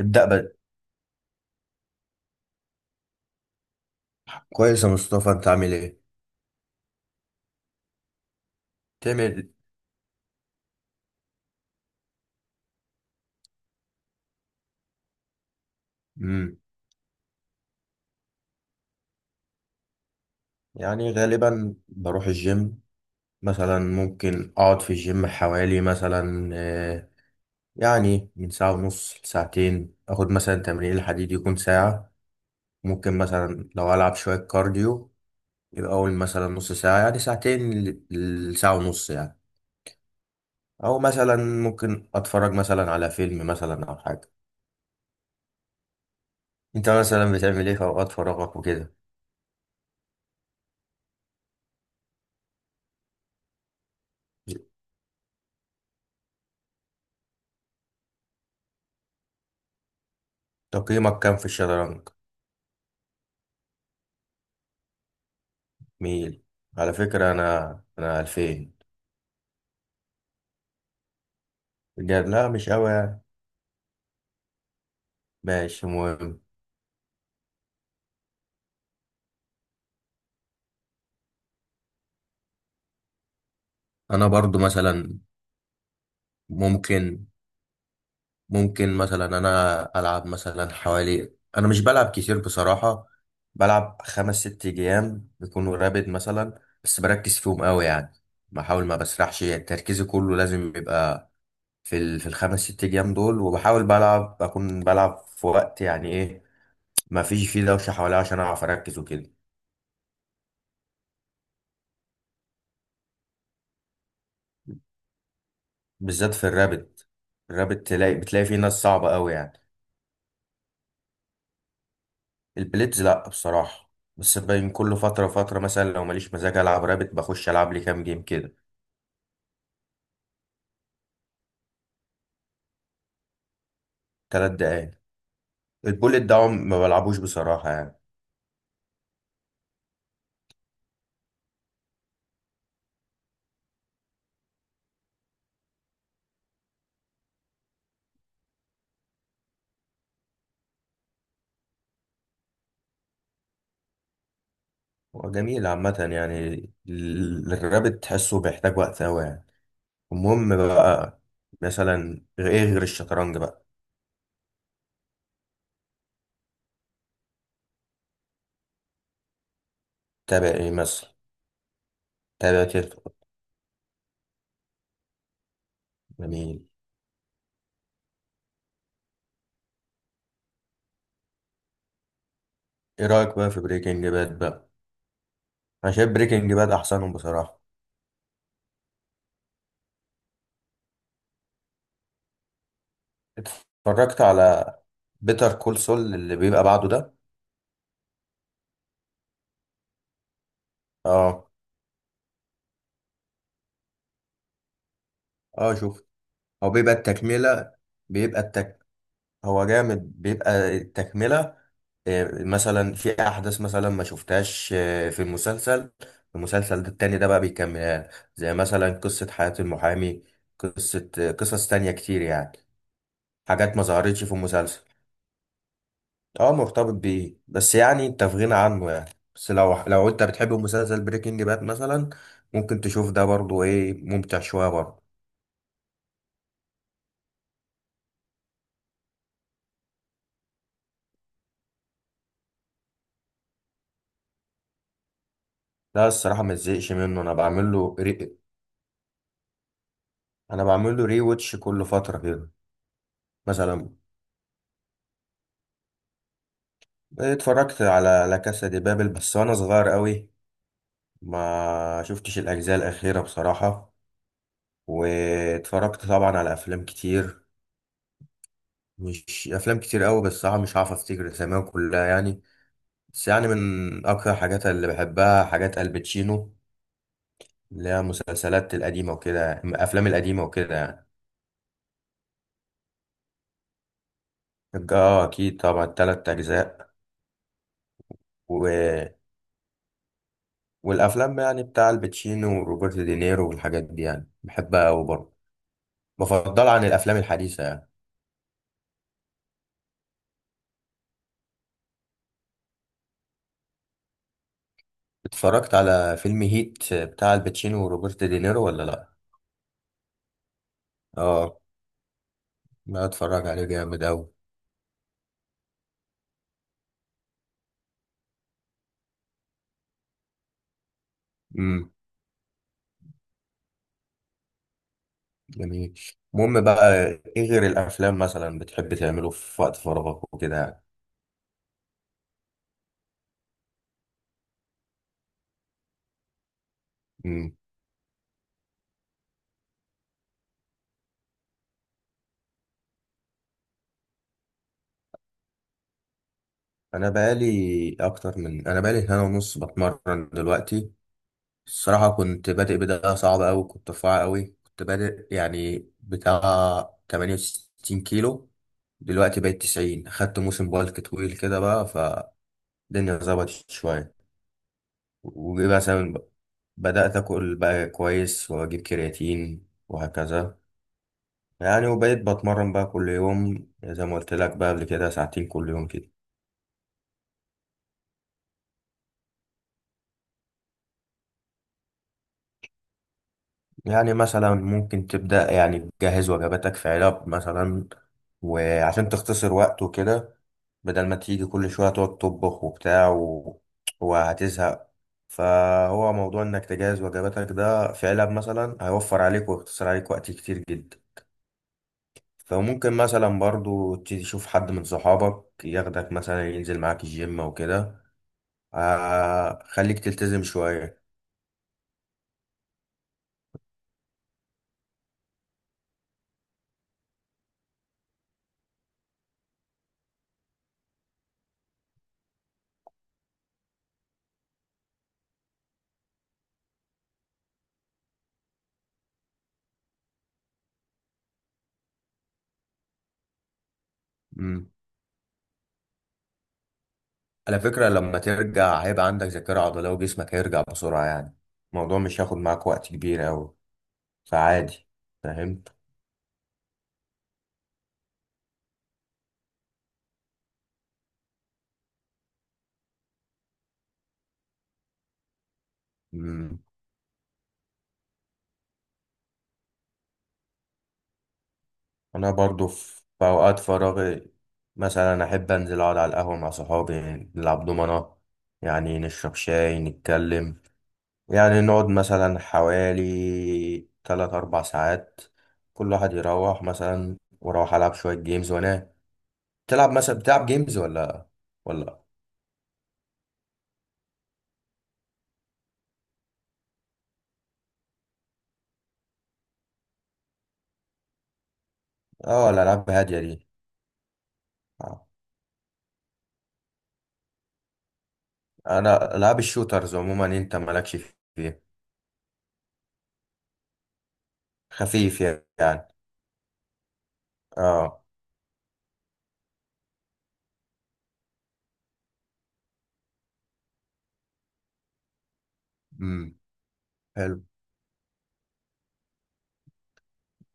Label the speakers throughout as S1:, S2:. S1: ابدأ بقى. كويس يا مصطفى، انت عامل ايه؟ تعمل. امم يعني غالبا بروح الجيم. مثلا ممكن اقعد في الجيم حوالي مثلا، يعني من ساعة ونص لساعتين. اخد مثلا تمرين الحديد يكون ساعة. ممكن مثلا لو العب شوية كارديو، يبقى اول مثلا نص ساعة، يعني ساعتين لساعة ونص يعني. او مثلا ممكن اتفرج مثلا على فيلم مثلا او حاجة. انت مثلا بتعمل ايه في اوقات فراغك وكده؟ تقييمك كام في الشطرنج؟ ميل. على فكرة أنا 2000. بجد لا، مش أوي يعني. ماشي مهم. أنا برضو مثلا ممكن ممكن مثلا أنا ألعب مثلا حوالي. أنا مش بلعب كتير بصراحة. بلعب خمس ست جيام بيكونوا رابد مثلا، بس بركز فيهم أوي يعني. بحاول ما بسرحش، تركيزي كله لازم يبقى في الخمس ست جيام دول. وبحاول بلعب، أكون بلعب في وقت يعني إيه، ما فيش فيه دوشة حواليا عشان أعرف أركز وكده. بالذات في الرابت. الرابت بتلاقي فيه ناس صعبة قوي يعني. البليتز لأ بصراحة، بس باين كل فترة فترة مثلا لو ماليش مزاج ألعب رابت بخش ألعب لي كام جيم كده. تلات دقايق. البوليت ده ما بلعبوش بصراحة يعني. هو جميل عامة يعني. الرابت تحسه بيحتاج وقت أوي يعني. المهم بقى، مثلا إيه غير الشطرنج بقى؟ تابع إيه مثلا؟ تابع تلت. جميل. إيه رأيك بقى في بريكنج باد بقى؟ أنا شايف بريكنج باد أحسنهم بصراحة. اتفرجت على بيتر كول سول اللي بيبقى بعده ده؟ اه. اه شوف، هو بيبقى التكملة. بيبقى التك هو جامد، بيبقى التكملة. مثلا في احداث مثلا ما شفتهاش في المسلسل. المسلسل ده التاني ده بقى بيكملها. زي مثلا قصة حياة المحامي. قصة قصص تانية كتير يعني. حاجات ما ظهرتش في المسلسل. اه مرتبط بيه، بس يعني انت في غنى عنه يعني، بس لو انت بتحب مسلسل بريكنج باد مثلا ممكن تشوف ده برضو، ايه ممتع شويه برضو. ده الصراحه ما تزهقش منه، انا بعمل له انا بعمل له ري واتش كل فتره كده. مثلا اتفرجت على لا كاسا دي بابل بس وانا صغير قوي. ما شفتش الاجزاء الاخيره بصراحه. واتفرجت طبعا على افلام كتير. مش افلام كتير قوي بس صراحه مش هعرف افتكر اساميهم كلها يعني. بس يعني من أكتر حاجات اللي بحبها حاجات الباتشينو، اللي هي المسلسلات القديمة وكده الأفلام القديمة وكده يعني. اه أكيد طبعا تلات أجزاء. و... والأفلام يعني بتاع الباتشينو وروبرت دينيرو والحاجات دي يعني بحبها أوي برضه. بفضلها عن الأفلام الحديثة يعني. اتفرجت على فيلم هيت بتاع الباتشينو وروبرت دينيرو ولا لأ؟ اه. لا اتفرج عليه جامد أوي. امم جميل. المهم بقى، ايه غير الأفلام مثلا بتحب تعمله في وقت فراغك وكده؟ يعني انا بقالي سنه ونص بتمرن دلوقتي. الصراحه كنت بادئ بدايه صعبه قوي، كنت رفيع قوي، كنت بادئ يعني بتاع 68 كيلو. دلوقتي بقيت 90. خدت موسم بالك طويل كده بقى فالدنيا، ظبطت شويه. ومثلا بدات اكل بقى كويس واجيب كرياتين وهكذا يعني. وبقيت بتمرن بقى كل يوم زي ما قلت لك بقى قبل كده، ساعتين كل يوم كده. يعني مثلا ممكن تبدأ يعني تجهز وجباتك في علب مثلا، وعشان تختصر وقت وكده. بدل ما تيجي كل شوية تقعد تطبخ وبتاع وهتزهق. فهو موضوع انك تجهز وجباتك ده في علب مثلا هيوفر عليك ويختصر عليك وقت كتير جدا. فممكن مثلا برضو تشوف حد من صحابك ياخدك مثلا ينزل معاك الجيم وكده. خليك تلتزم شوية. على فكرة لما ترجع هيبقى عندك ذاكرة عضلية وجسمك هيرجع بسرعة يعني. الموضوع مش هياخد معاك وقت كبير أوي، فعادي. فاهم. مم. أنا برضو في أوقات فراغي مثلا أحب أنزل أقعد على القهوة مع صحابي. نلعب دومنة. يعني نشرب شاي، نتكلم يعني. نقعد مثلا حوالي تلات أربع ساعات، كل واحد يروح مثلا وأروح ألعب شوية جيمز وأنام. تلعب مثلا، بتلعب جيمز ولا. اه الألعاب هادية دي. آه. انا العاب الشوترز عموما انت مالكش فيها. خفيف يعني. اه. امم حلو.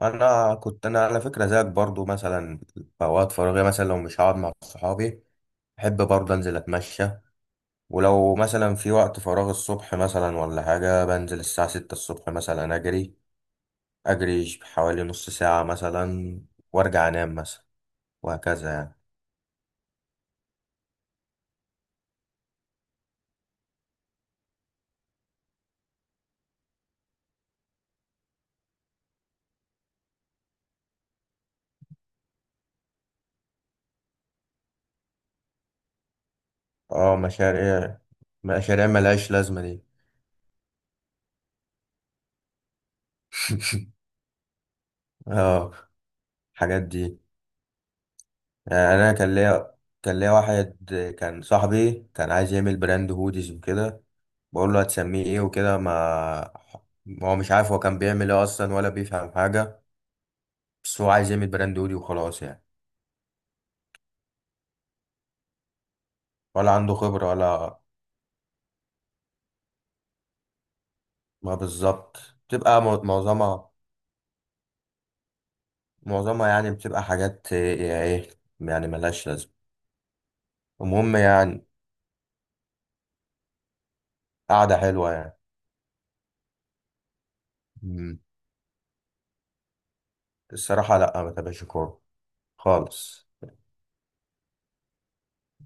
S1: انا على فكره زيك برضو مثلا في اوقات فراغي مثلا لو مش هقعد مع صحابي بحب برضو انزل اتمشى. ولو مثلا في وقت فراغ الصبح مثلا ولا حاجه بنزل الساعه 6 الصبح مثلا اجري. حوالي نص ساعه مثلا وارجع انام مثلا وهكذا يعني. اه مشاريع. مشاريع ملهاش لازمه دي. اه الحاجات دي. انا كان ليا واحد كان صاحبي كان عايز يعمل براند هوديز وكده. بقول له هتسميه ايه وكده. ما هو مش عارف هو كان بيعمل ايه اصلا ولا بيفهم حاجه، بس هو عايز يعمل براند هودي وخلاص يعني. ولا عنده خبره ولا. ما بالظبط. بتبقى معظمها يعني بتبقى حاجات ايه يعني ملهاش لازمه. المهم يعني. قعده حلوه يعني. مم. الصراحه لا ما تابعش كوره خالص.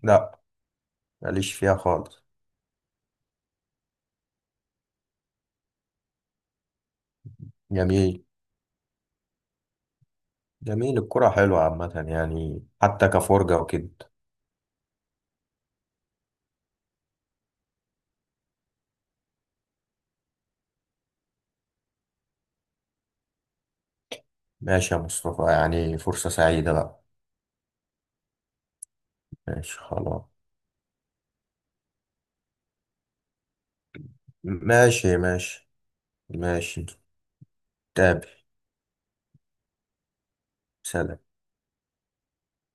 S1: لا ماليش فيها خالص. جميل. جميل الكرة حلوة عامة يعني حتى كفرجة وكده. ماشي يا مصطفى، يعني فرصة سعيدة بقى. ماشي خلاص. ماشي، ماشي، ماشي. تابع. سلام.